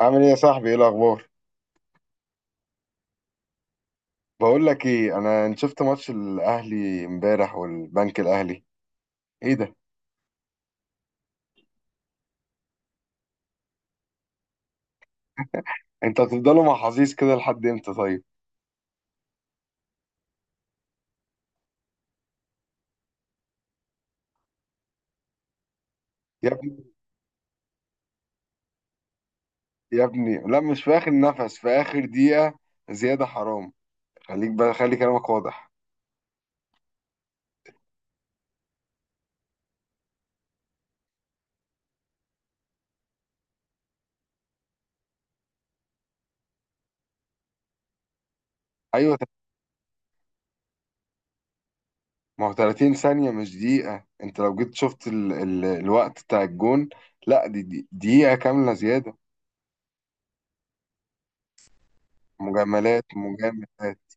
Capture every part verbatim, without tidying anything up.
عامل ايه يا صاحبي؟ ايه الاخبار؟ بقول لك ايه، انا انت شفت ماتش الاهلي امبارح والبنك الاهلي؟ ايه ده، انت هتفضلوا مع حظيظ كده لحد امتى طيب؟ يا ابني يا ابني، لا مش في اخر نفس، في اخر دقيقة، زيادة حرام. خليك بقى، خلي كلامك واضح. ايوه ت- ما هو تلاتين ثانية مش دقيقة، انت لو جيت شفت ال... ال... الوقت بتاع الجون. لا، دي دي دقيقة كاملة زيادة. مجاملات مجاملات.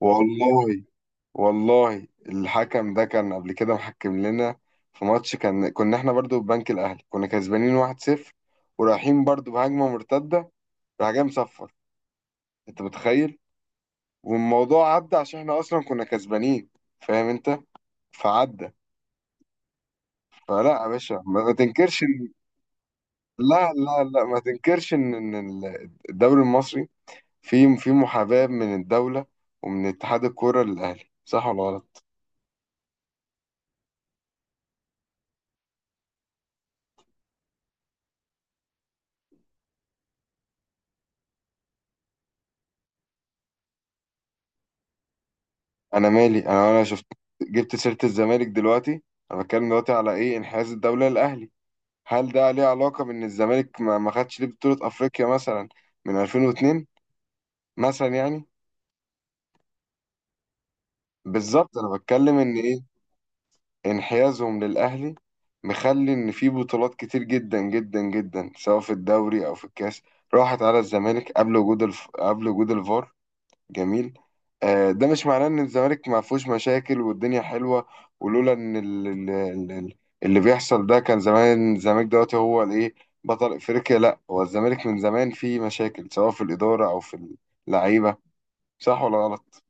والله والله الحكم ده كان قبل كده محكم لنا في ماتش، كان كنا احنا برضو ببنك الاهلي، كنا كسبانين واحد صفر ورايحين برضو بهجمه مرتده، راح جاي مصفر. انت متخيل؟ والموضوع عدى عشان احنا اصلا كنا كسبانين، فاهم انت؟ فعدى. فلا يا باشا، ما ما تنكرش إن- لا لا لا ما تنكرش ان إن ال- الدوري المصري فيه في محاباه من الدوله ومن اتحاد الكوره للاهلي، صح ولا غلط؟ انا مالي، انا انا شفت. جبت سيرة الزمالك دلوقتي؟ انا بتكلم دلوقتي على ايه، انحياز الدولة للاهلي. هل ده ليه علاقة بان الزمالك ما ما خدش ليه بطولة افريقيا مثلا من ألفين واتنين مثلا يعني؟ بالظبط، انا بتكلم ان ايه، انحيازهم للاهلي مخلي ان في بطولات كتير جدا جدا جدا سواء في الدوري او في الكاس راحت على الزمالك قبل وجود الف... قبل وجود الفار. جميل. آه، ده مش معناه ان الزمالك ما فيهوش مشاكل والدنيا حلوه. ولولا ان ال- ال- ال- ال- اللي بيحصل ده كان زمان الزمالك دلوقتي هو الايه، بطل افريقيا. لا، هو الزمالك من زمان فيه مشاكل سواء في الاداره او في اللعيبه، صح ولا غلط؟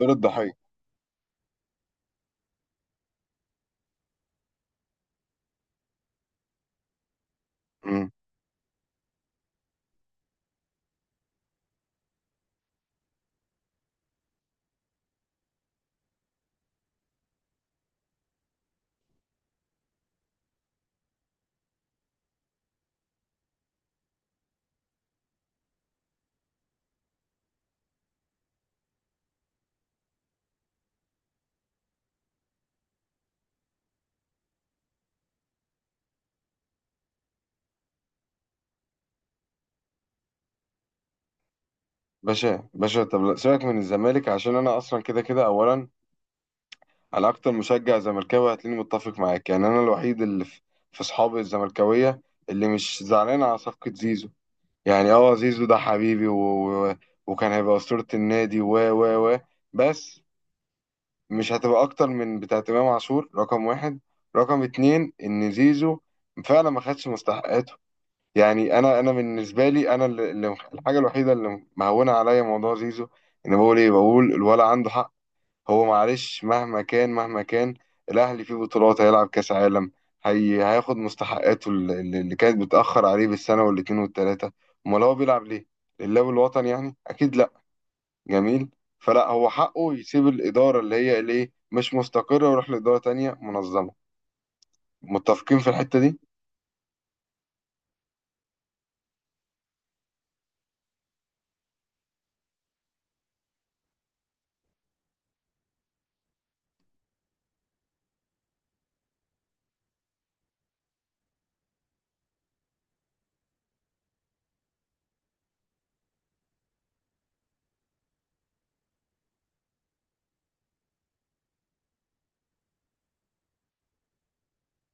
دور الضحيه. امم. باشا باشا، طب لا، سيبك من الزمالك عشان انا اصلا كده كده. اولا انا اكتر مشجع زملكاوي هتلاقيني متفق معاك، يعني انا الوحيد اللي في في اصحابي الزملكاويه اللي مش زعلان على صفقه زيزو. يعني اه، زيزو ده حبيبي و... و... وكان هيبقى أسطورة النادي و و و بس مش هتبقى أكتر من بتاعة إمام عاشور رقم واحد. رقم اتنين، إن زيزو فعلا ما خدش مستحقاته. يعني أنا أنا بالنسبة لي، أنا اللي اللي- الحاجة الوحيدة اللي مهونة عليا موضوع زيزو إن بقول إيه، بقول الولا عنده حق. هو معلش، مهما كان مهما كان الاهلي فيه بطولات، هيلعب كاس عالم، هي هياخد مستحقاته اللي اللي كانت بتاخر عليه بالسنه والاتنين والتلاته. امال هو بيلعب ليه؟ لله والوطن يعني؟ اكيد لا. جميل. فلا، هو حقه يسيب الاداره اللي هي ليه مش مستقره ويروح لاداره تانية منظمه. متفقين في الحته دي؟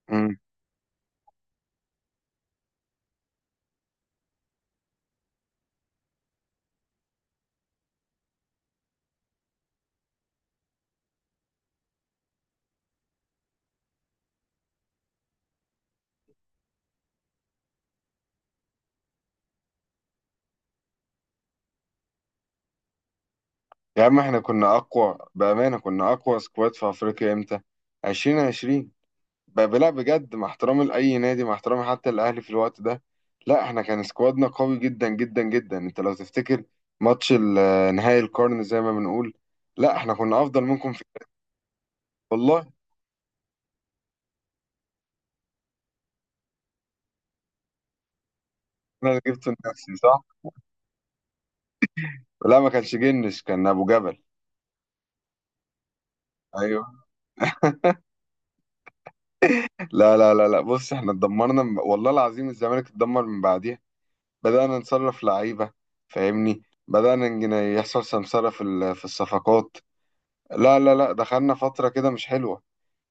امم. يا عم احنا كنا اقوى بامانه، كنا اقوى سكواد في افريقيا امتى، ألفين وعشرين. ب- لا بجد مع احترامي لأي نادي، مع احترامي حتى الأهلي في الوقت ده، لا احنا كان سكوادنا قوي جدا جدا جدا. انت لو تفتكر ماتش ال- آه، نهائي القرن زي ما بنقول، لا احنا كنا أفضل منكم في. والله انا اللي جبته لنفسي، صح؟ لا، ما كانش جنش، كان أبو جبل. ايوه. لا لا لا لا، بص احنا اتدمرنا من- والله العظيم الزمالك اتدمر من بعديها. بدأنا نصرف لعيبة، فاهمني؟ بدأنا نج- يحصل سمسرة في ال- في الصفقات. لا لا لا، دخلنا فترة كده مش حلوة.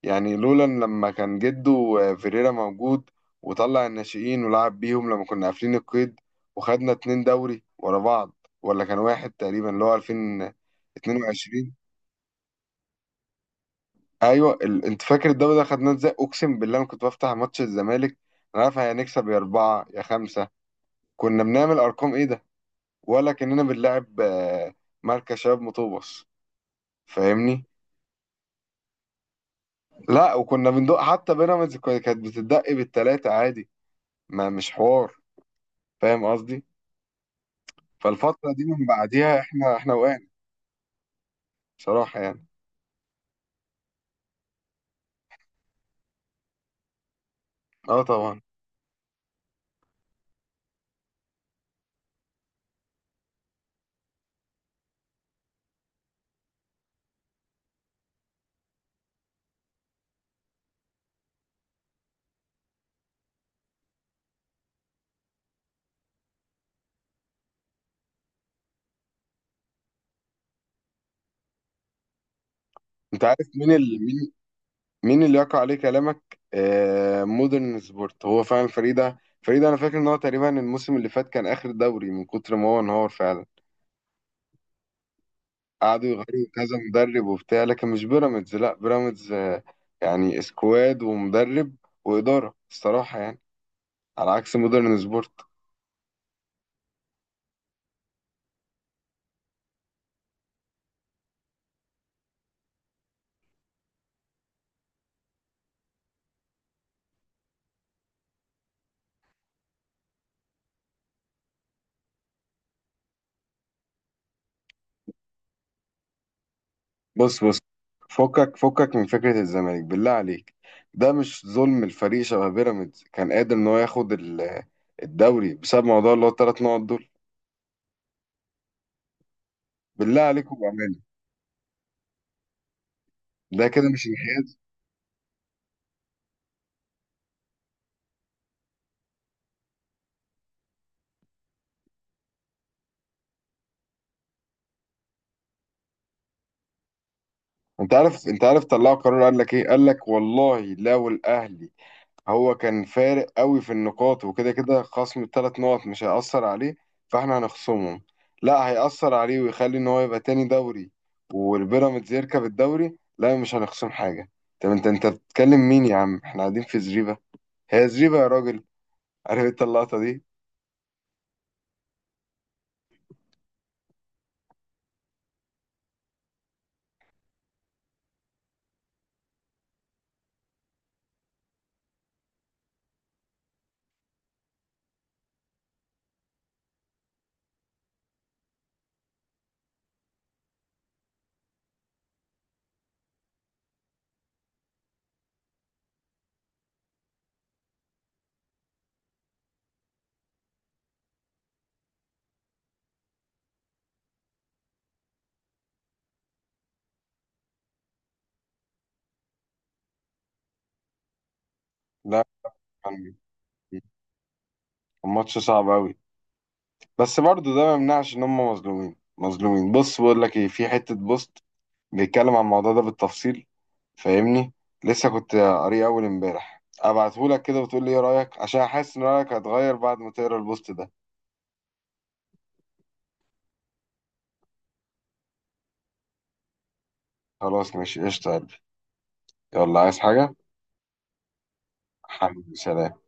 يعني لولا إن لما كان جده آه، فيريرا موجود وطلع الناشئين ولعب بيهم لما كنا قافلين القيد، وخدنا اتنين دوري ورا بعض، ولا كان واحد تقريبا اللي هو ألفين واتنين وعشرين. ايوه ال... انت فاكر الدوري ده خدناه ازاي؟ اقسم بالله انا كنت بفتح ماتش الزمالك، انا عارف هنكسب يا اربعه يا خمسه. كنا بنعمل ارقام ايه ده؟ ولا كاننا بنلعب آه، مركز شباب مطوبس، فاهمني؟ لا وكنا بندق، حتى بيراميدز كانت بتدق بالتلاته عادي، ما مش حوار، فاهم قصدي؟ فالفترة دي من بعديها احنا احنا وقعنا، بصراحة يعني. اه طبعا. انت عارف مين اللي مين، مين اللي يقع عليه كلامك؟ آه، مودرن سبورت، هو فعلا فريدة فريدة. انا فاكر ان هو تقريبا الموسم اللي فات كان اخر دوري من كتر ما هو انهار فعلا، قعدوا يغيروا كذا مدرب وبتاع. لكن مش بيراميدز، لا بيراميدز آه، يعني سكواد ومدرب وإدارة الصراحة يعني، على عكس مودرن سبورت. بص بص، فكك فكك من فكرة الزمالك بالله عليك. ده مش ظلم الفريق شبه بيراميدز، كان قادر ان هو ياخد ال- الدوري بسبب موضوع اللي هو الثلاث نقط دول؟ بالله عليكم بأمانة، ده كده مش انحياز؟ انت عارف، انت عارف طلعوا قرار قال لك ايه، قال لك والله لو الاهلي هو كان فارق قوي في النقاط، وكده كده خصم الثلاث نقط مش هيأثر عليه، فاحنا هنخصمهم. لا، هيأثر عليه ويخلي ان هو يبقى تاني دوري والبيراميدز يركب الدوري، لا مش هنخصم حاجة. طب انت انت بتتكلم مين يا عم، احنا قاعدين في زريبة، هي زريبة يا راجل. عارف انت اللقطة دي؟ لا، كان كان ماتش صعب قوي، بس برضو ده ما يمنعش ان هم مظلومين مظلومين. بص بقول لك ايه، في حتة بوست بيتكلم عن الموضوع ده بالتفصيل، فاهمني؟ لسه كنت قاريه اول امبارح، ابعتهولك كده وتقول لي ايه رايك عشان حاسس ان رايك هتغير بعد ما تقرا البوست ده. خلاص ماشي، قشطة يا قلبي. يلا، عايز حاجه؟ حبيبي سلام.